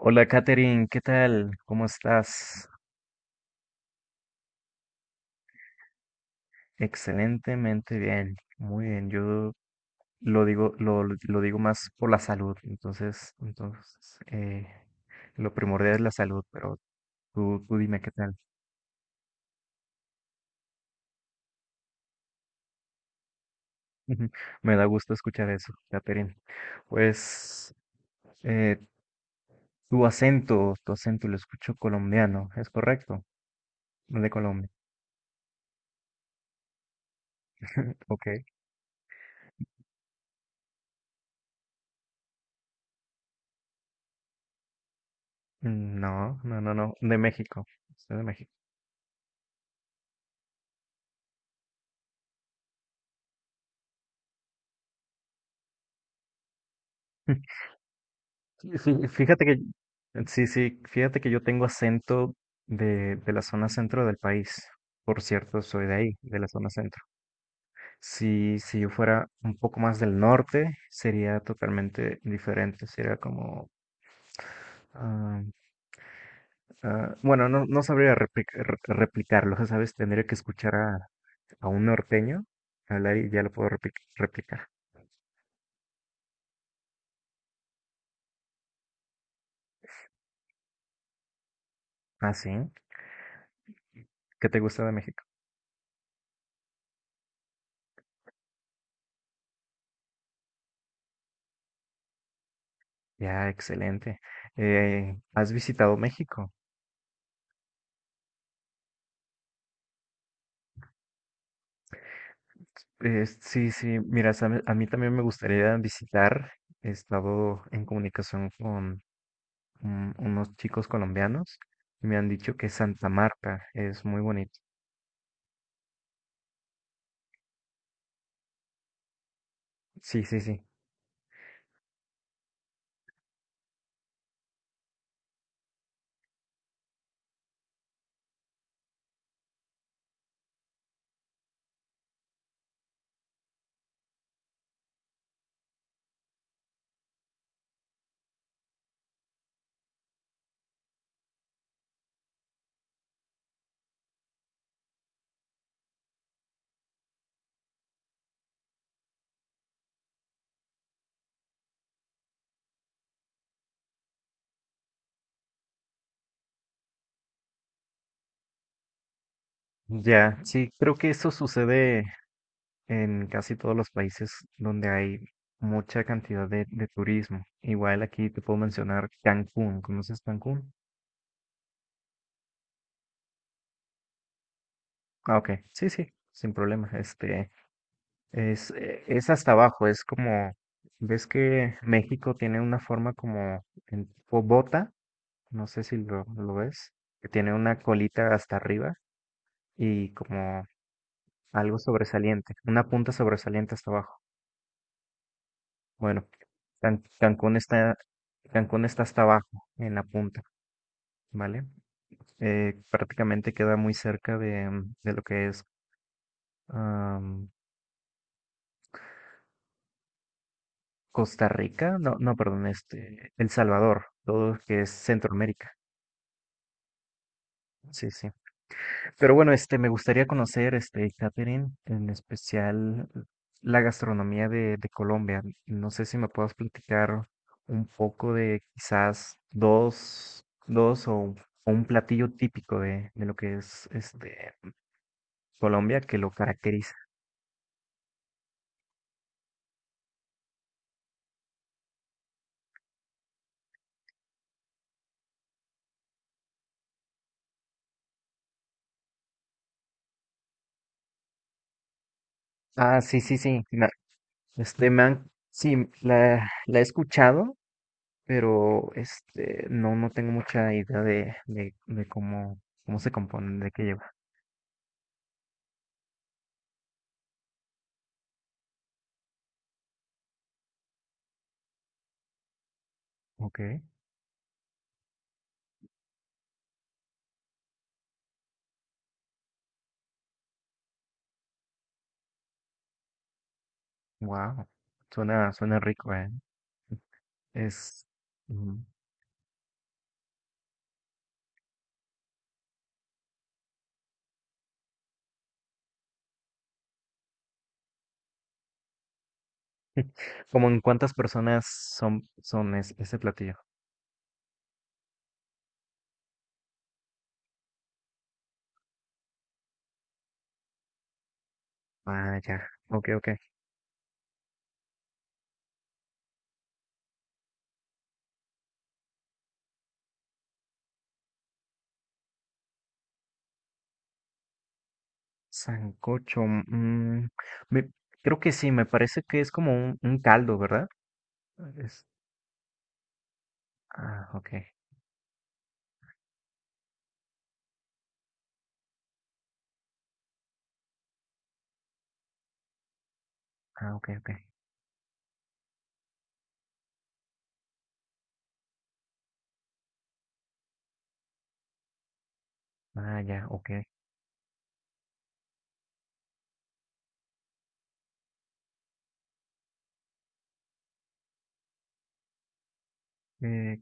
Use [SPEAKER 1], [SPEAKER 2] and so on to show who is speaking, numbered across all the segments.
[SPEAKER 1] Hola Katherine, ¿qué tal? ¿Cómo estás? Excelentemente bien, muy bien. Yo lo digo, lo digo más por la salud, entonces, lo primordial es la salud, pero tú dime qué tal. Me da gusto escuchar eso, Katherine. Pues eh, tu acento lo escucho colombiano, ¿es correcto? De Colombia, ok. No, no, no, no, de México, soy de México. Sí, fíjate que, sí, sí, fíjate que yo tengo acento de la zona centro del país. Por cierto, soy de ahí, de la zona centro. Si, si yo fuera un poco más del norte, sería totalmente diferente. Sería como, ah, ah, bueno, no, no sabría replicarlo, ya ¿sabes? Tendría que escuchar a un norteño hablar y ya lo puedo replicar. Ah, sí. ¿Qué te gusta de México? Ya, excelente. ¿Has visitado México? Sí, sí, mira, a mí también me gustaría visitar. He estado en comunicación con unos chicos colombianos y me han dicho que Santa Marta es muy bonito. Sí, sí, sí. Ya, sí, creo que eso sucede en casi todos los países donde hay mucha cantidad de turismo. Igual aquí te puedo mencionar Cancún. ¿Conoces Cancún? Ah, ok. Sí, sí, sin problema. Este, es, es hasta abajo, es como, ves que México tiene una forma como en tipo bota, no sé si lo ves, que tiene una colita hasta arriba y como algo sobresaliente, una punta sobresaliente hasta abajo. Bueno, Can- Cancún está, Cancún está hasta abajo en la punta, ¿vale? Prácticamente queda muy cerca de, de lo que es am, Costa Rica, no, no, perdón, este, El Salvador, todo lo que es Centroamérica. Sí, sí. Pero bueno, este, me gustaría conocer, este, Catherine, en especial la gastronomía de Colombia. No sé si me puedas platicar un poco de quizás dos, dos o un platillo típico de lo que es este Colombia que lo caracteriza. Ah, sí, sí, sí. Este, sí, la he escuchado, pero este, no, no tengo mucha idea de cómo, cómo se compone, de qué lleva. Ok. Wow, suena, suena rico, ¿eh? Es mm, como en cuántas personas son, ese platillo. Ah, ya, ok, ok. Sancocho, me- creo que sí, me parece que es como un caldo, ¿verdad? Es, ah, ok, ah, ok, ok. Ah, ya, ok. Eh,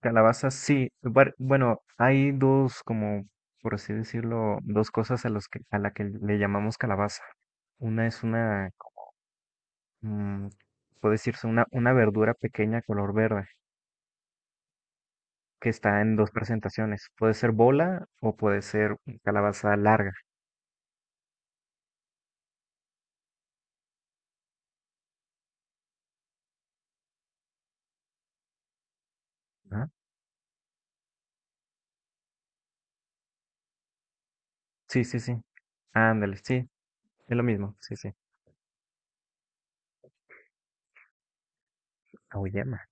[SPEAKER 1] calabazas, sí. Bueno, hay dos, como por así decirlo, dos cosas a los que, a la que le llamamos calabaza. Una es una mm, puede decirse una verdura pequeña color verde que está en dos presentaciones. Puede ser bola o puede ser calabaza larga. Ajá. Sí, sí, sí. Ándale, sí, es lo mismo. Sí, sí. Auyama.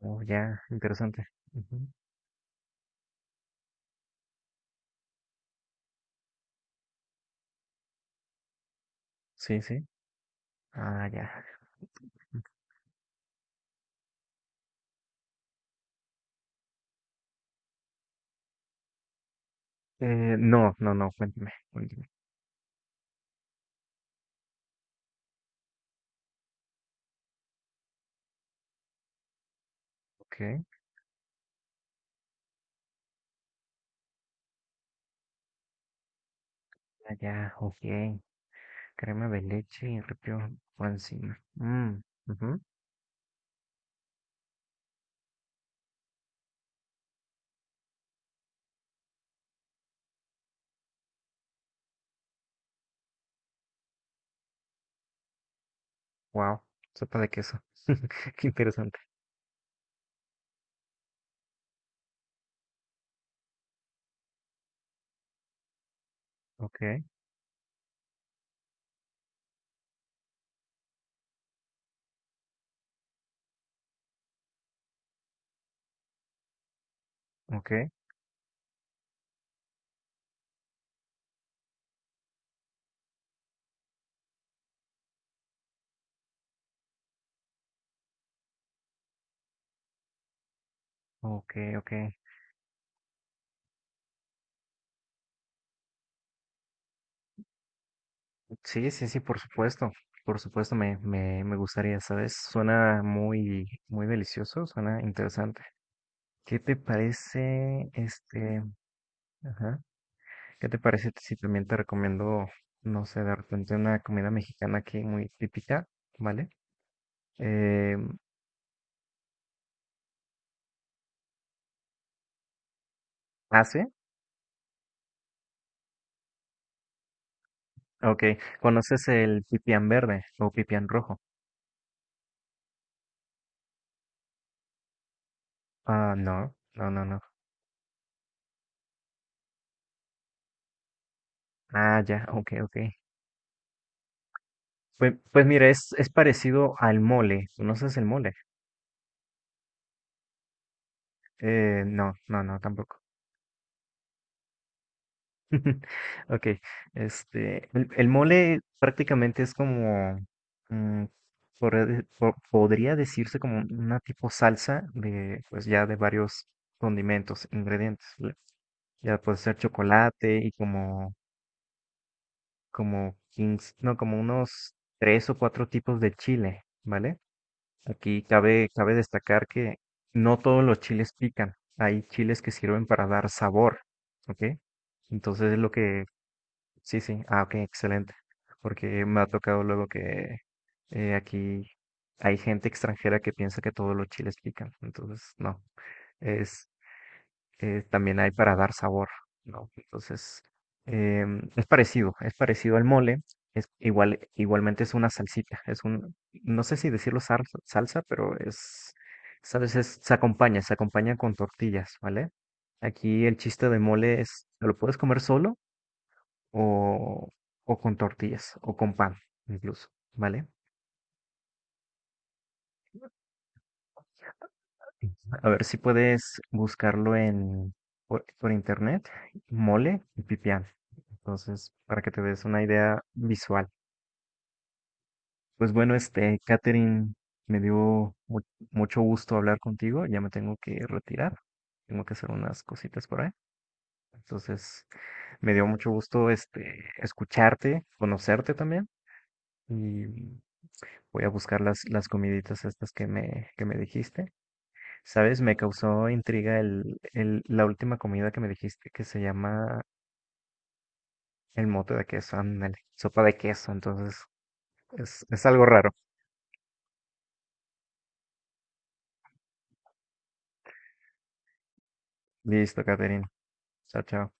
[SPEAKER 1] Oh, ya, interesante. Ujú. Sí, sí. Ah, ya. No, no, no, cuéntame, cuéntame. Ok. Ah, ya, ok. Crema de leche y repio por encima. Mm, ujú. Wow, sopa de queso. Qué interesante. Ok, ok. Ok, ok. Sí, sí, sí, por supuesto. Por supuesto, me gustaría, ¿sabes? Suena muy, muy delicioso, suena interesante. ¿Qué te parece, este, ajá? ¿Qué te parece si también te recomiendo, no sé, de repente una comida mexicana aquí muy típica, ¿vale? Eh, ¿Ah, sí? Ok. ¿Conoces el pipián verde o pipián rojo? Ah, no, no, no, no. Ah, ya, ok, ok. Pues, pues mira, es parecido al mole. ¿Conoces el mole? No, no, no, tampoco. Ok, este, el mole prácticamente es como, mm, podría podría decirse como una tipo salsa de, pues ya de varios condimentos, ingredientes. ¿Vale? Ya puede ser chocolate y como, como 15, no, como unos tres o cuatro tipos de chile, ¿vale? Aquí cabe, cabe destacar que no todos los chiles pican. Hay chiles que sirven para dar sabor, ¿ok? Entonces es lo que... Sí, sí. Ah, ok, excelente. Porque me ha tocado luego que aquí hay gente extranjera que piensa que todos los chiles pican. Entonces, no. Es, también hay para dar sabor, ¿no? Entonces, es parecido al mole, es igual, igualmente es una salsita, es un, no sé si decirlo salsa, salsa, pero es, sabes, se acompaña con tortillas, ¿vale? Aquí el chiste de mole es, ¿lo puedes comer solo o, o con tortillas o con pan incluso, ¿vale? A ver si puedes buscarlo en por internet, mole y pipián. Entonces, para que te des una idea visual. Pues bueno, este, Catherine, me dio mucho gusto hablar contigo. Ya me tengo que retirar. Tengo que hacer unas cositas por ahí. Entonces, me dio mucho gusto este escucharte, conocerte también. Y voy a buscar las comiditas estas que me dijiste. ¿Sabes? Me causó intriga la última comida que me dijiste que se llama el mote de queso, ándale, sopa de queso, entonces es algo raro. Listo, Caterina. Chao, chao.